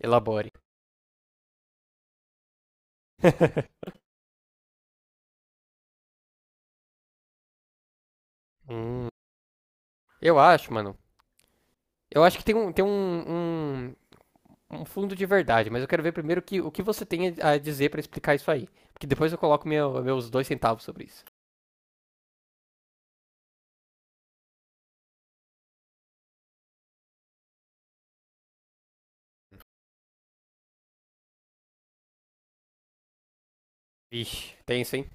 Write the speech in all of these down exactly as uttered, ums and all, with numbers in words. Elabore. Hum, eu acho, mano. Eu acho que tem um, tem um, um, um fundo de verdade, mas eu quero ver primeiro que, o que você tem a dizer pra explicar isso aí. Porque depois eu coloco meu- meus dois centavos sobre isso. Ixi, tenso, hein?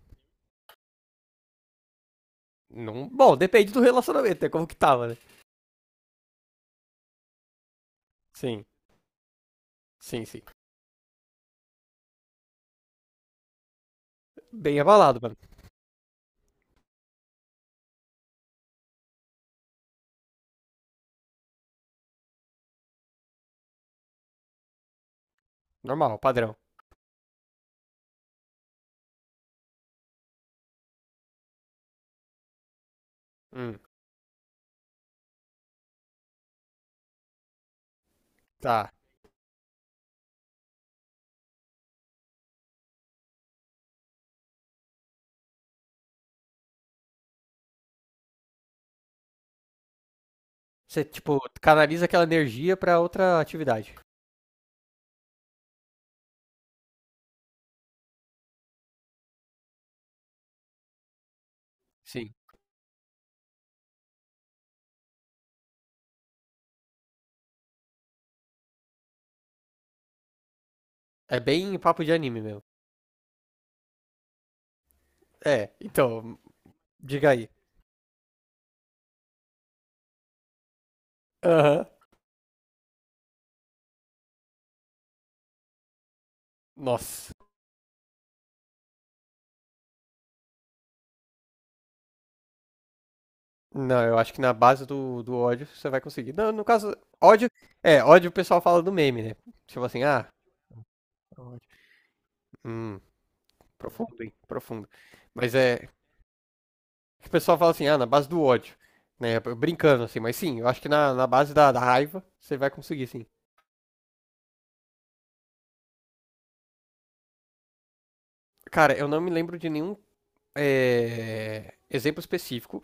Não. Bom, depende do relacionamento, é como que tava, né? Sim, sim, sim. Bem abalado, mano. Normal, padrão. Hum, tá. Você, tipo, canaliza aquela energia pra outra atividade. Sim. É bem papo de anime meu. É, então, diga aí. Aham. Nossa. Não, eu acho que na base do, do ódio você vai conseguir. Não, no caso, ódio. É, ódio o pessoal fala do meme, né? Tipo assim, ah, ódio. Hum, profundo, hein? Profundo. Mas é. O pessoal fala assim, ah, na base do ódio. Né? Brincando, assim, mas sim, eu acho que na, na base da, da raiva você vai conseguir, sim. Cara, eu não me lembro de nenhum é, exemplo específico.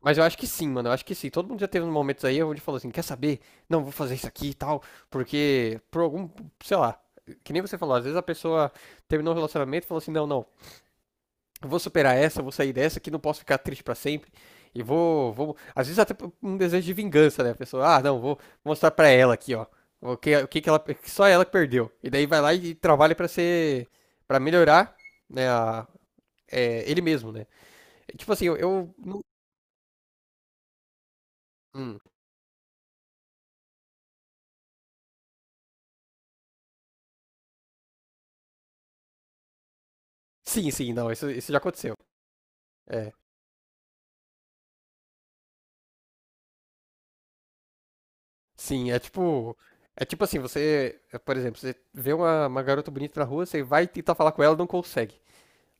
Mas eu acho que sim, mano. Eu acho que sim. Todo mundo já teve uns momentos aí onde falou assim, quer saber? Não, vou fazer isso aqui e tal. Porque, por algum, sei lá, que nem você falou, às vezes a pessoa terminou um relacionamento e falou assim, não, não, eu vou superar essa, eu vou sair dessa, que não posso ficar triste pra sempre. E vou, vou. Às vezes até por um desejo de vingança, né? A pessoa, ah, não, vou mostrar pra ela aqui, ó. O que, o que, que ela. que só ela que perdeu. E daí vai lá e trabalha pra ser. Pra melhorar, né? A- é, ele mesmo, né? Tipo assim, eu. Eu não- hum. Sim, sim, não, isso, isso já aconteceu. É, sim, é tipo. É tipo assim, você, é, por exemplo, você vê uma, uma garota bonita na rua, você vai tentar falar com ela, não consegue.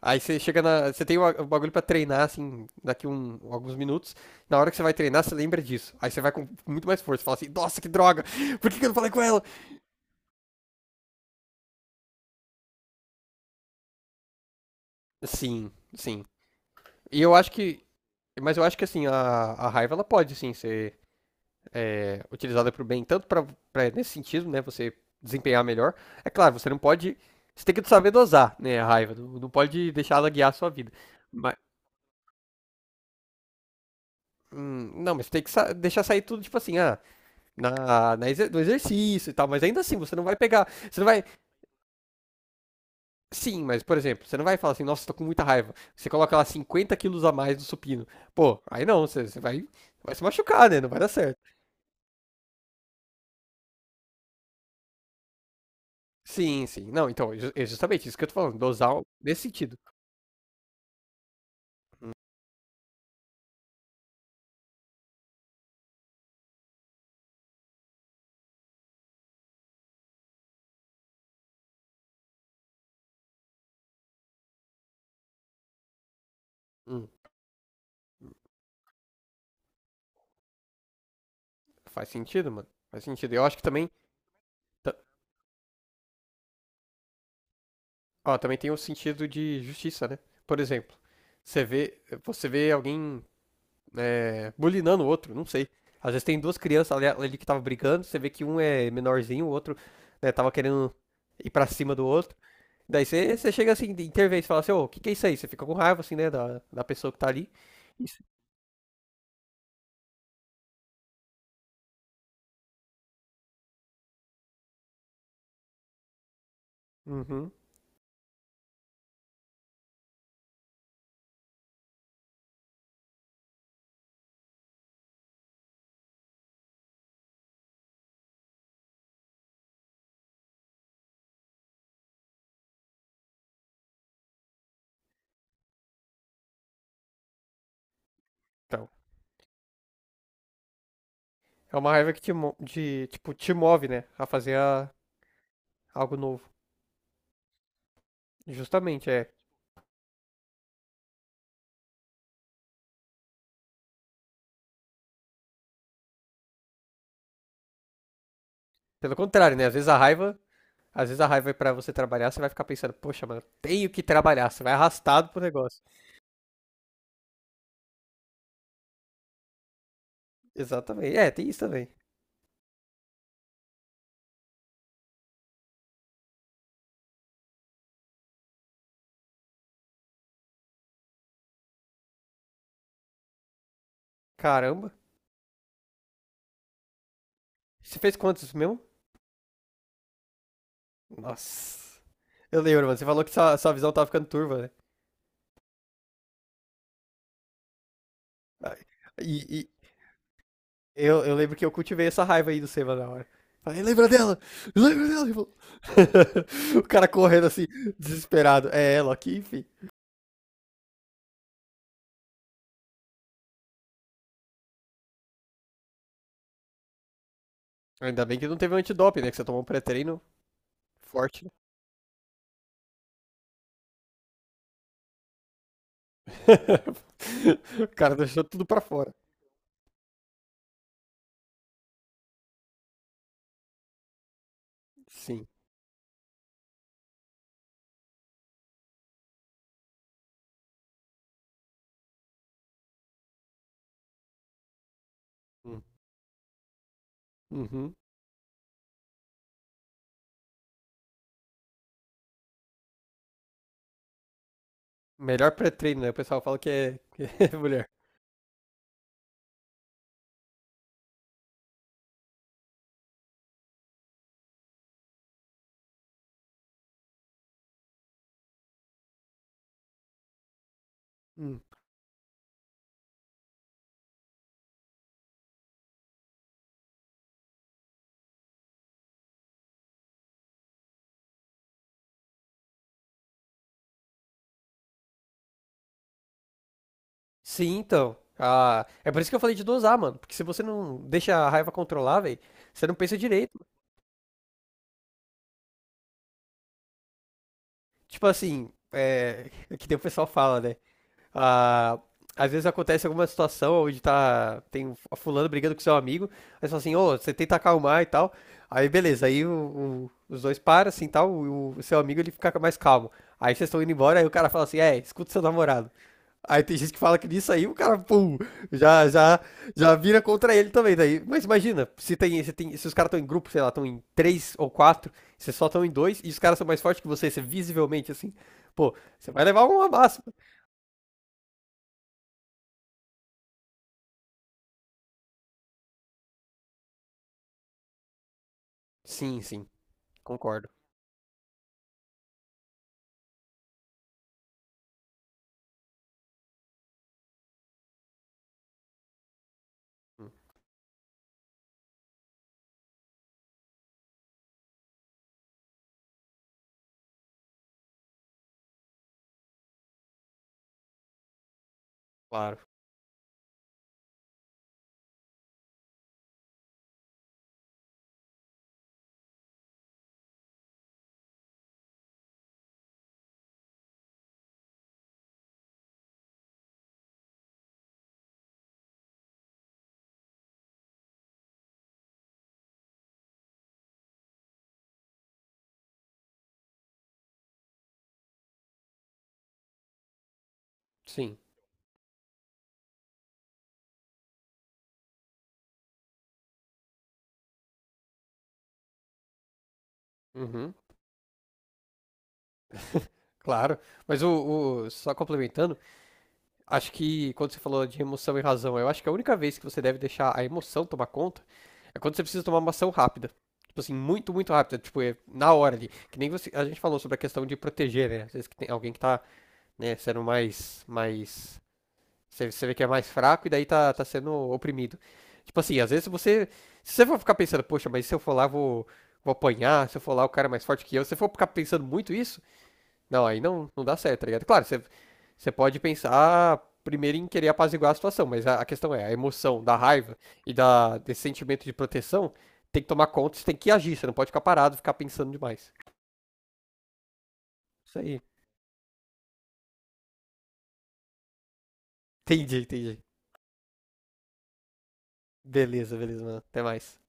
Aí você chega na. Você tem o a- o bagulho pra treinar, assim, daqui um, alguns minutos. Na hora que você vai treinar, você lembra disso. Aí você vai com muito mais força. Fala assim, nossa, que droga! Por que que eu não falei com ela? Sim, sim. E eu acho que. Mas eu acho que assim, a, a raiva ela pode, sim, ser utilizada para o bem, tanto para nesse sentido, né, você desempenhar melhor. É claro, você não pode, você tem que saber dosar, né, a raiva, não, não pode deixar ela guiar a sua vida. Mas, hum, não, mas tem que sa- deixar sair tudo, tipo assim, ah, na, na exer- no exercício e tal, mas ainda assim, você não vai pegar, você não vai, sim, mas, por exemplo, você não vai falar assim, nossa, tô com muita raiva, você coloca lá cinquenta quilos a mais no supino, pô, aí não, você, você vai, vai se machucar, né, não vai dar certo. Sim, sim, não, então, é ju- é justamente isso que eu tô falando, dosar o- nesse sentido. Hum. Faz sentido, mano. Faz sentido. Eu acho que também, ta- ó, também tem o sentido de justiça, né? Por exemplo, você vê, você vê alguém é, bulinando o outro, não sei. Às vezes tem duas crianças ali, ali que estavam brigando, você vê que um é menorzinho, o outro, né, tava querendo ir pra cima do outro. Daí você, você chega assim, de- intervém, você fala assim, ô, o que que é isso aí? Você fica com raiva, assim, né, da, da pessoa que tá ali. Isso. Uhum. Então, é uma raiva que te, mo- de, tipo, te move, né, a fazer a- algo novo. Justamente, é. Pelo contrário, né? Às vezes a raiva, às vezes a raiva é pra você trabalhar, você vai ficar pensando, poxa, mano, tenho que trabalhar, você vai arrastado pro negócio. Exatamente. É, tem isso também. Caramba. Você fez quantos mesmo? Nossa. Eu lembro, mano, você falou que sua, sua visão tava ficando turva, né? Ai, E, e eu, eu lembro que eu cultivei essa raiva aí do Seba na hora. Falei, lembra dela? Lembra dela? Ele falou- o cara correndo assim, desesperado. É ela aqui, enfim. Ainda bem que não teve um antidoping, né? Que você tomou um pré-treino forte, né? O cara deixou tudo pra fora. Sim. Hum. Uhum. Melhor pré-treino, né? O pessoal fala que é, que é mulher. Hum. Sim, então. Ah, é por isso que eu falei de dosar, mano. Porque se você não deixa a raiva controlar, velho, você não pensa direito. Tipo assim, é, é que nem o pessoal fala, né? Ah, às vezes acontece alguma situação onde tá, tem a fulano brigando com seu amigo, aí você fala assim, ô, você tenta acalmar e tal. Aí beleza, aí o- o- os dois param assim e tal, o, o seu amigo ele fica mais calmo. Aí vocês estão indo embora, aí o cara fala assim, é, escuta seu namorado. Aí tem gente que fala que nisso aí o cara, pum, já, já, já vira contra ele também. Daí. Mas imagina, se tem, se tem, se os caras estão em grupo, sei lá, estão em três ou quatro, vocês só estão em dois, e os caras são mais fortes que você, você visivelmente assim, pô, você vai levar uma massa. Sim, sim. Concordo. Hum, Claro. Sim. Uhum. Claro. Mas o, o- só complementando, acho que quando você falou de emoção e razão, eu acho que a única vez que você deve deixar a emoção tomar conta é quando você precisa tomar uma ação rápida. Tipo assim, muito, muito rápida. Tipo, é na hora ali. Que nem você, a gente falou sobre a questão de proteger, né? Às vezes que tem alguém que tá, né, sendo mais, mais Você, você vê que é mais fraco e daí tá, tá sendo oprimido. Tipo assim, às vezes você. Se você for ficar pensando, poxa, mas se eu for lá, vou, vou apanhar, se eu for lá, o cara é mais forte que eu. Se você for ficar pensando muito isso, não, aí não, não dá certo, tá ligado? Claro, você, você pode pensar primeiro em querer apaziguar a situação, mas a, a questão é, a emoção da raiva e da, desse sentimento de proteção tem que tomar conta, você tem que agir, você não pode ficar parado, ficar pensando demais. Isso aí. Entendi, entendi. Beleza, beleza, mano. Até mais.